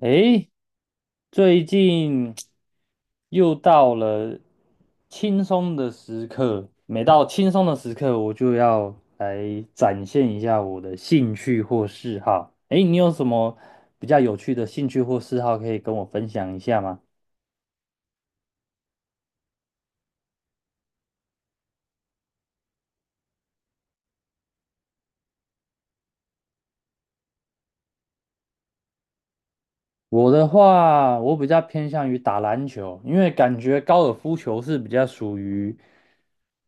诶，最近又到了轻松的时刻，每到轻松的时刻，我就要来展现一下我的兴趣或嗜好。诶，你有什么比较有趣的兴趣或嗜好可以跟我分享一下吗？我的话，我比较偏向于打篮球，因为感觉高尔夫球是比较属于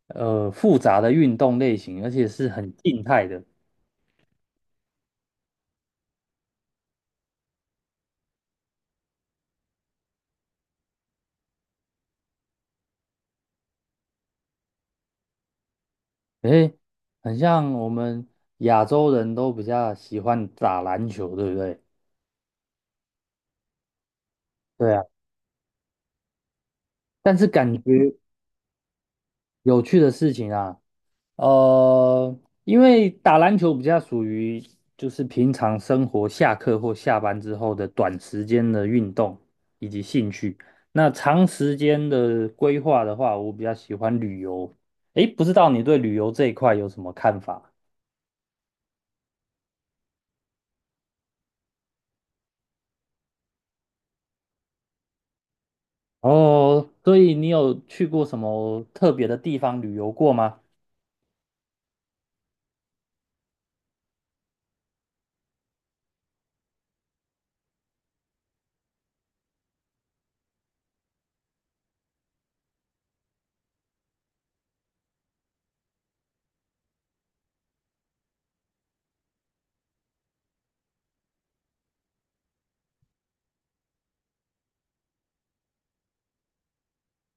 复杂的运动类型，而且是很静态的。诶，很像我们亚洲人都比较喜欢打篮球，对不对？对啊，但是感觉有趣的事情啊，呃，因为打篮球比较属于就是平常生活下课或下班之后的短时间的运动以及兴趣。那长时间的规划的话，我比较喜欢旅游。诶，不知道你对旅游这一块有什么看法？哦，所以你有去过什么特别的地方旅游过吗？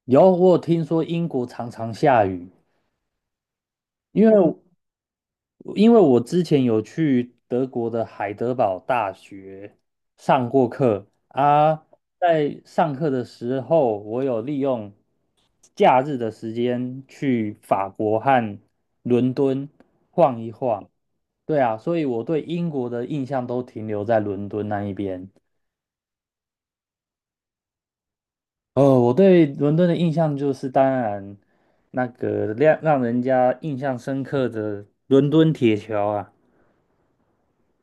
有，我有听说英国常常下雨，因为我之前有去德国的海德堡大学上过课啊，在上课的时候，我有利用假日的时间去法国和伦敦晃一晃。对啊，所以我对英国的印象都停留在伦敦那一边。哦，我对伦敦的印象就是，当然那个让人家印象深刻的伦敦铁桥啊，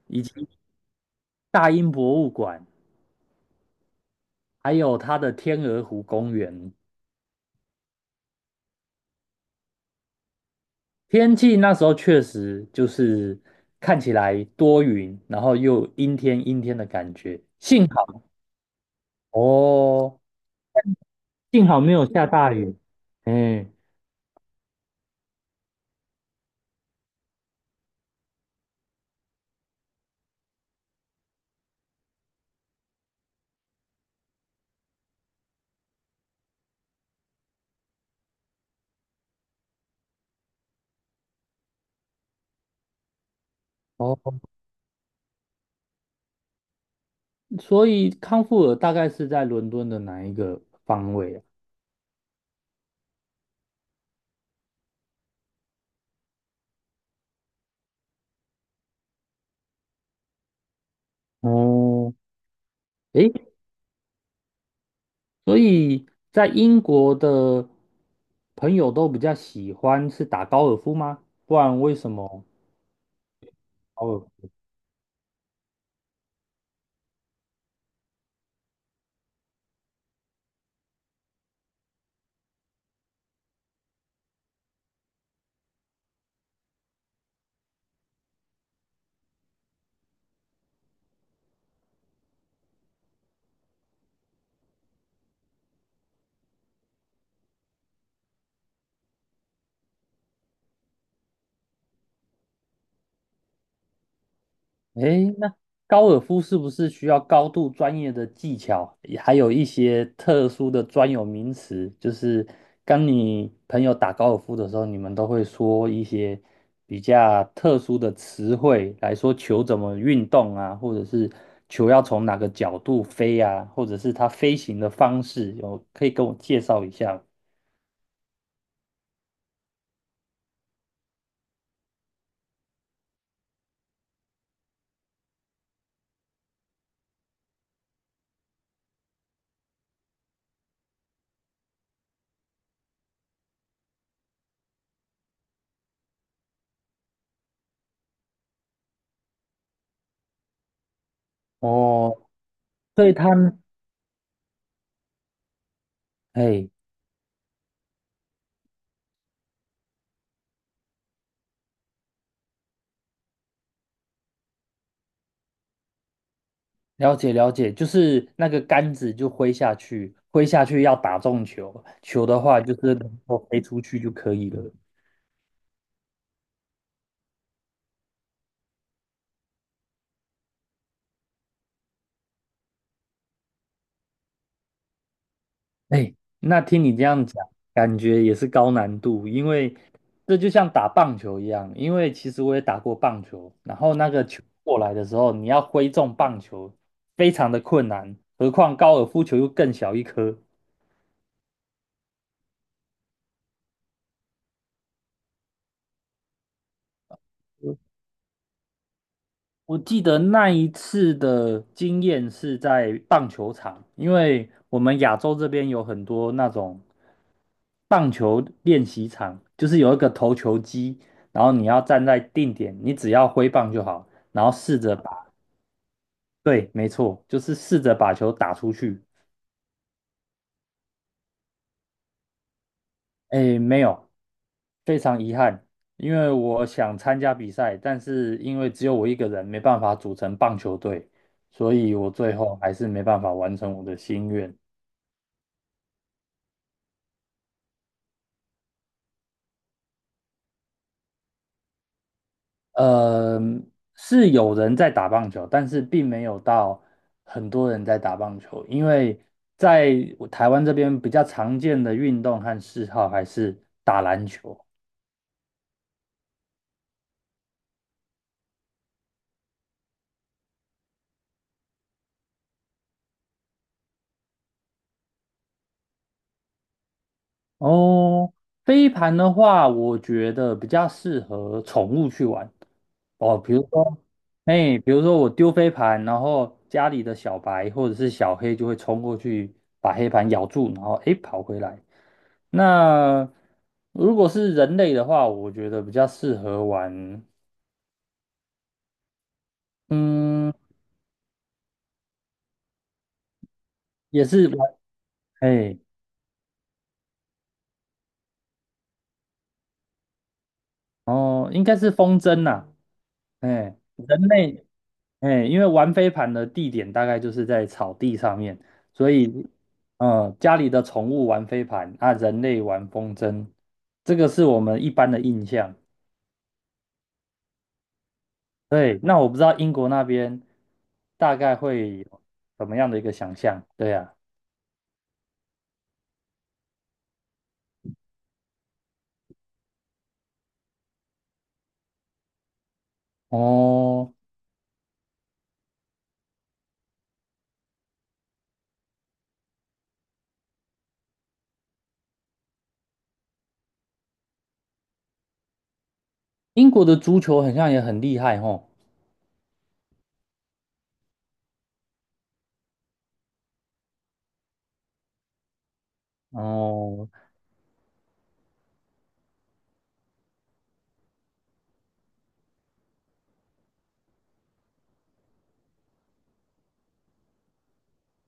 以及大英博物馆，还有它的天鹅湖公园。天气那时候确实就是看起来多云，然后又阴天阴天的感觉。幸好 哦，幸好没有下大雨。哎，哦，所以康沃尔大概是在伦敦的哪一个方位啊？哦，诶，所以在英国的朋友都比较喜欢是打高尔夫吗？不然为什么高尔诶，那高尔夫是不是需要高度专业的技巧，也还有一些特殊的专有名词？就是跟你朋友打高尔夫的时候，你们都会说一些比较特殊的词汇来说球怎么运动啊，或者是球要从哪个角度飞啊，或者是它飞行的方式，有可以跟我介绍一下吗？哦，所以它，哎，了解了解，就是那个杆子就挥下去，挥下去要打中球，球的话就是能够飞出去就可以了。哎，那听你这样讲，感觉也是高难度，因为这就像打棒球一样，因为其实我也打过棒球，然后那个球过来的时候，你要挥中棒球，非常的困难，何况高尔夫球又更小一颗。我记得那一次的经验是在棒球场，因为我们亚洲这边有很多那种棒球练习场，就是有一个投球机，然后你要站在定点，你只要挥棒就好，然后试着把，对，没错，就是试着把球打出去。诶，没有，非常遗憾，因为我想参加比赛，但是因为只有我一个人，没办法组成棒球队，所以我最后还是没办法完成我的心愿。呃，是有人在打棒球，但是并没有到很多人在打棒球，因为在我台湾这边比较常见的运动和嗜好还是打篮球。哦，飞盘的话，我觉得比较适合宠物去玩，哦，比如说，哎，比如说我丢飞盘，然后家里的小白或者是小黑就会冲过去把黑盘咬住，然后哎跑回来。那如果是人类的话，我觉得比较适合玩，嗯，也是玩，哎，哦，应该是风筝呐、哎，人类哎，因为玩飞盘的地点大概就是在草地上面，所以，家里的宠物玩飞盘啊，人类玩风筝，这个是我们一般的印象。对，那我不知道英国那边大概会有什么样的一个想象。对呀，哦，英国的足球好像也很厉害吼。哦，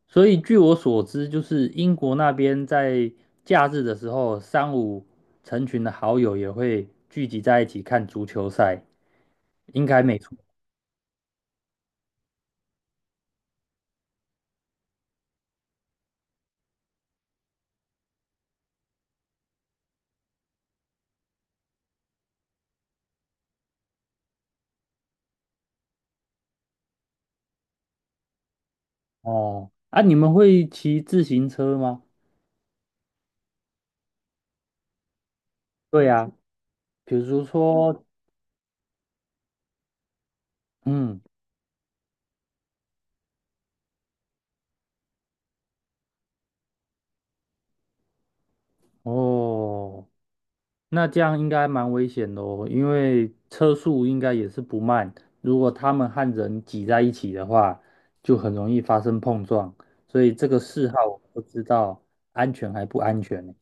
所以据我所知，就是英国那边在假日的时候，三五成群的好友也会聚集在一起看足球赛。应该没错。哦，啊，你们会骑自行车吗？对呀，比如说，嗯，哦，那这样应该蛮危险的哦，因为车速应该也是不慢，如果他们和人挤在一起的话，就很容易发生碰撞，所以这个嗜好我不知道安全还不安全呢。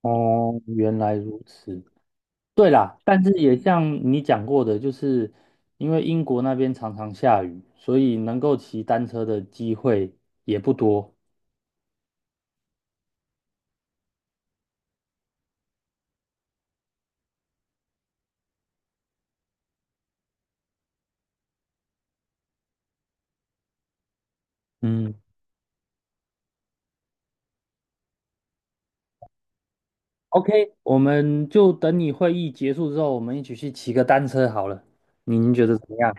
哦，原来如此。对啦，但是也像你讲过的，就是因为英国那边常常下雨，所以能够骑单车的机会也不多。嗯，OK，我们就等你会议结束之后，我们一起去骑个单车好了。您觉得怎么样？